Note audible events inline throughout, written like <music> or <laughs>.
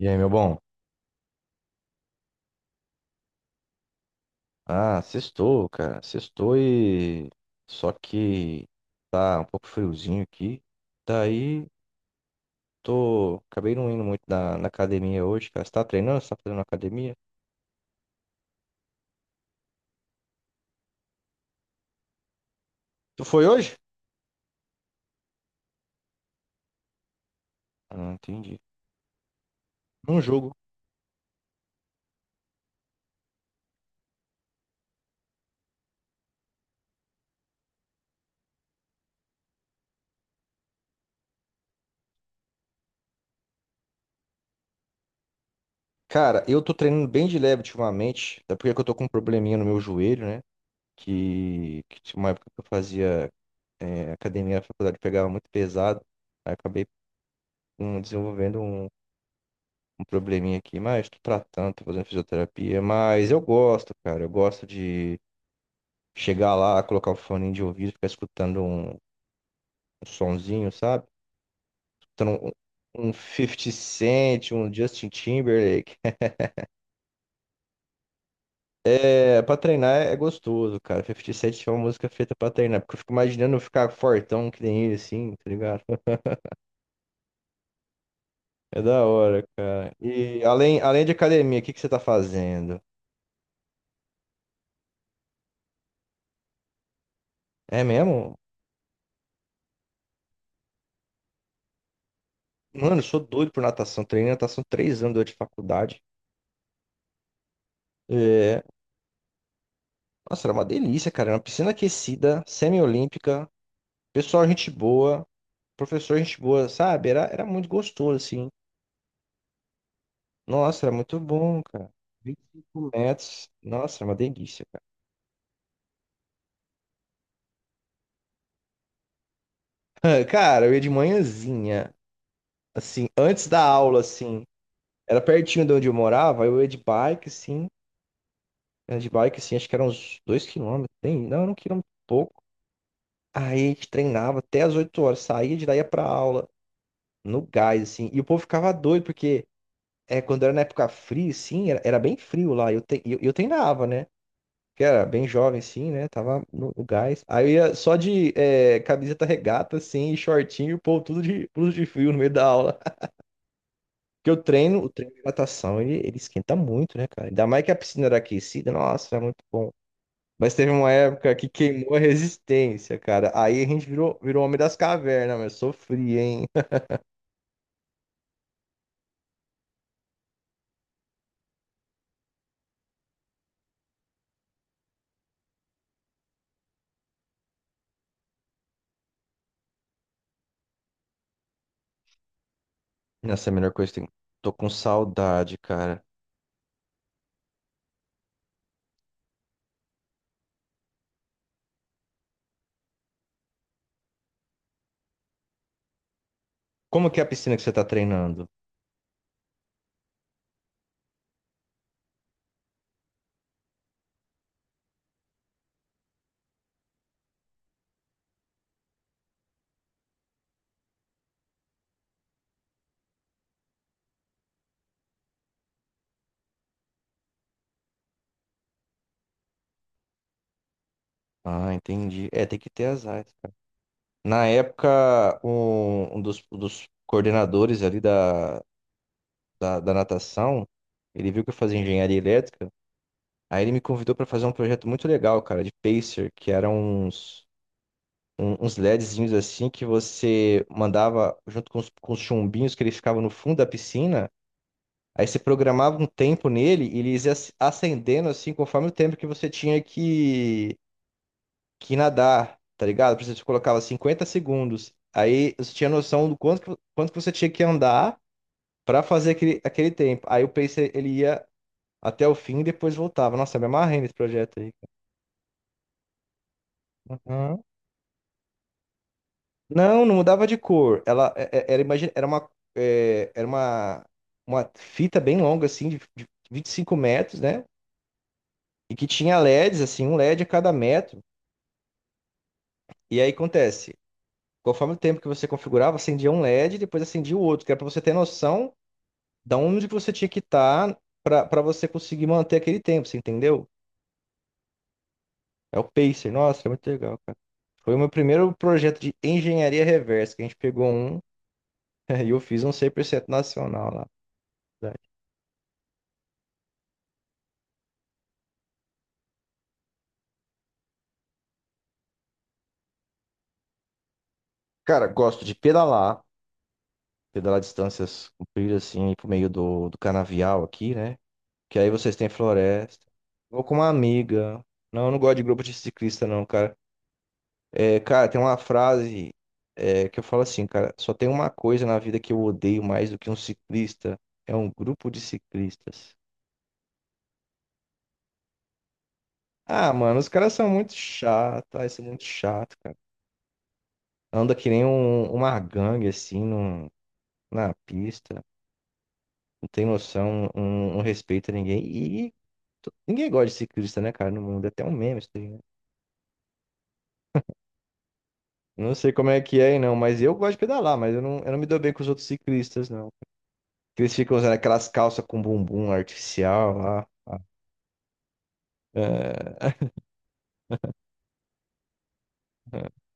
E aí, meu bom? Ah, sextou, cara. Sextou e. Só que tá um pouco friozinho aqui. Daí, tô. Acabei não indo muito na academia hoje, cara. Você tá treinando? Você tá fazendo academia? Tu foi hoje? Ah, entendi. Num jogo. Cara, eu tô treinando bem de leve ultimamente. Até porque eu tô com um probleminha no meu joelho, né? Que tinha uma época que eu fazia academia na faculdade, pegava muito pesado. Aí acabei desenvolvendo um probleminha aqui, mas tô tratando, tô fazendo fisioterapia. Mas eu gosto, cara. Eu gosto de chegar lá, colocar o fone de ouvido, ficar escutando um sonzinho, sabe? Escutando um fifty Cent, um Justin Timberlake. É, pra treinar é gostoso, cara. Fifty Cent é uma música feita pra treinar, porque eu fico imaginando eu ficar fortão que nem ele, assim, tá ligado? É da hora, cara. E além de academia, o que que você tá fazendo? É mesmo? Mano, eu sou doido por natação. Treinei natação 3 anos durante a faculdade. É, Nossa, era uma delícia, cara. Era uma piscina aquecida, semi-olímpica, pessoal, gente boa, professor, gente boa, sabe? Era muito gostoso, assim. Nossa, era muito bom, cara. 25 metros. Nossa, era uma delícia, cara. <laughs> Cara, eu ia de manhãzinha, assim, antes da aula, assim. Era pertinho de onde eu morava, eu ia de bike, assim. Era de bike, assim, acho que eram uns 2 quilômetros. Tem, não, era 1 quilômetro e pouco. Aí a gente treinava até as 8 horas, saía de daí ia pra aula, no gás, assim. E o povo ficava doido, porque. É, quando era na época fria, sim, era bem frio lá. Eu treinava, né? Que era bem jovem, sim, né? Tava no gás. Aí eu ia só de camiseta regata, assim, e shortinho, pô, tudo de blusa de frio no meio da aula. <laughs> Porque eu treino, o treino de natação, ele esquenta muito, né, cara? Ainda mais que a piscina era aquecida, nossa, era muito bom. Mas teve uma época que queimou a resistência, cara. Aí a gente virou homem das cavernas, mas sofri, hein? <laughs> Nossa, é a melhor coisa que tem. Tô com saudade, cara. Como que é a piscina que você tá treinando? Ah, entendi. É, tem que ter as áreas, cara. Na época, um dos coordenadores ali da natação, ele viu que eu fazia engenharia elétrica, aí ele me convidou para fazer um projeto muito legal, cara, de pacer, que eram uns LEDzinhos assim que você mandava junto com os chumbinhos que eles ficavam no fundo da piscina, aí você programava um tempo nele e eles ia acendendo assim conforme o tempo que você tinha que nadar, tá ligado? Por exemplo, você colocava 50 segundos. Aí você tinha noção do quanto que você tinha que andar pra fazer aquele tempo. Aí o pacer ele ia até o fim e depois voltava. Nossa, eu me amarrei nesse projeto aí. Aham. Não, não mudava de cor. Era, imagina, era uma fita bem longa assim de 25 metros, né? E que tinha LEDs assim, um LED a cada metro. E aí acontece, conforme o tempo que você configurava, acendia um LED e depois acendia o outro, que era pra você ter noção da onde que você tinha que estar pra para você conseguir manter aquele tempo, você entendeu? É o pacer. Nossa, é muito legal, cara. Foi o meu primeiro projeto de engenharia reversa, que a gente pegou um <laughs> e eu fiz um 100% nacional lá. Cara, gosto de pedalar, pedalar distâncias compridas assim, pro meio do canavial aqui, né? Que aí vocês têm floresta. Vou com uma amiga. Não, eu não gosto de grupo de ciclista, não, cara. É, cara, tem uma frase, é, que eu falo assim, cara, só tem uma coisa na vida que eu odeio mais do que um ciclista, é um grupo de ciclistas. Ah, mano, os caras são muito chatos, ah, isso é muito chato, cara. Anda que nem uma gangue, assim, na pista, não tem noção, um respeito a ninguém. E ninguém gosta de ciclista, né, cara, no mundo, é até um meme isso daí, né? Não sei como é que é, aí, não, mas eu gosto de pedalar, mas eu não me dou bem com os outros ciclistas, não. Que eles ficam usando aquelas calças com bumbum artificial lá. É. <laughs>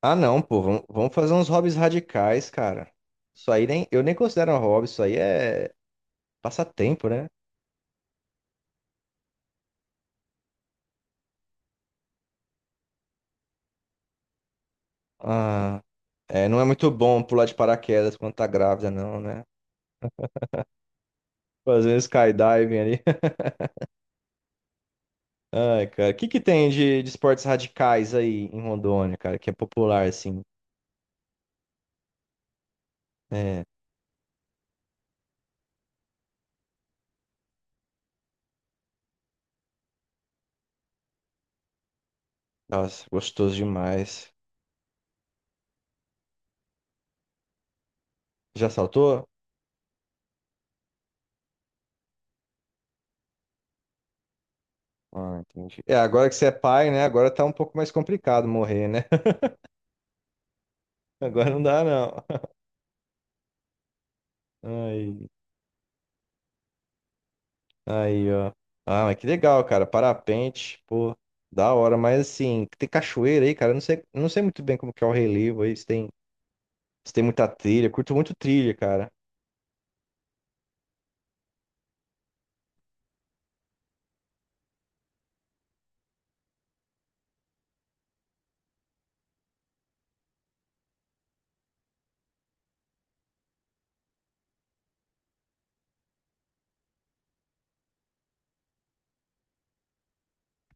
Ah, não, pô, vamos fazer uns hobbies radicais, cara. Isso aí nem, eu nem considero um hobby, isso aí é passatempo, né? Ah, é, não é muito bom pular de paraquedas quando tá grávida, não, né? Fazer um skydiving ali. <laughs> Ai, cara, o que que tem de esportes radicais aí em Rondônia, cara, que é popular, assim? É, nossa, gostoso demais. Já saltou? Ah, entendi. É, agora que você é pai, né? Agora tá um pouco mais complicado morrer, né? <laughs> Agora não dá, não. Aí, aí, ó. Ah, mas que legal, cara. Parapente, pô, da hora. Mas assim, tem cachoeira aí, cara. Eu não sei muito bem como que é o relevo aí. Se tem muita trilha. Eu curto muito trilha, cara.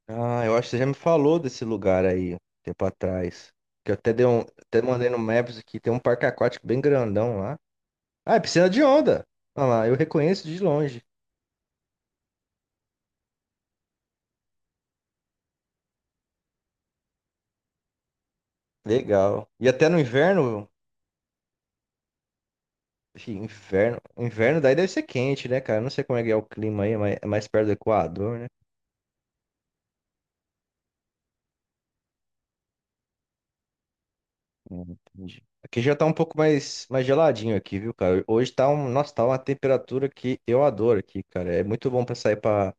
Ah, eu acho que você já me falou desse lugar aí, um tempo atrás. Que eu até dei um, até mandei no Maps aqui. Tem um parque aquático bem grandão lá. Ah, é piscina de onda. Olha lá, eu reconheço de longe. Legal. E até no inverno. Ixi, inverno. Inverno daí deve ser quente, né, cara? Não sei como é que é o clima aí, mas mais, é mais perto do Equador, né? Entendi. Aqui já tá um pouco mais geladinho aqui, viu, cara? Hoje tá um, nossa, tá uma temperatura que eu adoro aqui, cara. É muito bom pra sair pra,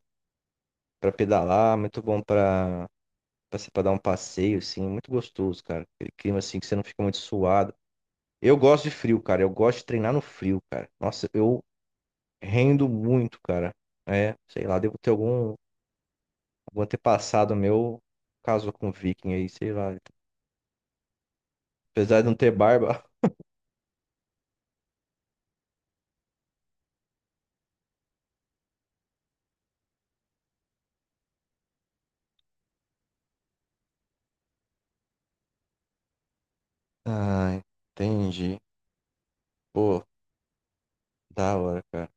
pra pedalar, muito bom pra, pra dar um passeio, assim, muito gostoso, cara. Aquele clima assim que você não fica muito suado. Eu gosto de frio, cara. Eu gosto de treinar no frio, cara. Nossa, eu rendo muito, cara. É, sei lá, devo ter algum o antepassado meu casou com um viking aí, sei lá. Apesar de não ter barba. <laughs> Ah, entendi. Pô, da hora, cara.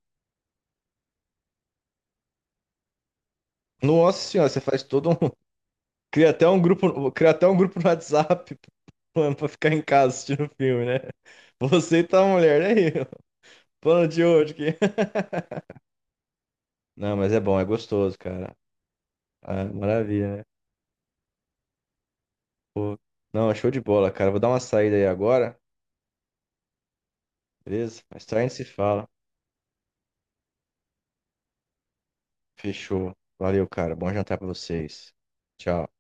Nossa senhora, você faz todo um. <laughs> Cria até um grupo, no WhatsApp <laughs> plano pra ficar em casa assistindo filme, né? <laughs> Você e tua mulher, né? <laughs> Plano de hoje aqui. <laughs> Não, mas é bom, é gostoso, cara. Ah, maravilha, né? Pô. Não, show de bola, cara. Vou dar uma saída aí agora, beleza? Mais tarde a gente se fala. Fechou. Valeu, cara. Bom jantar pra vocês. Tchau.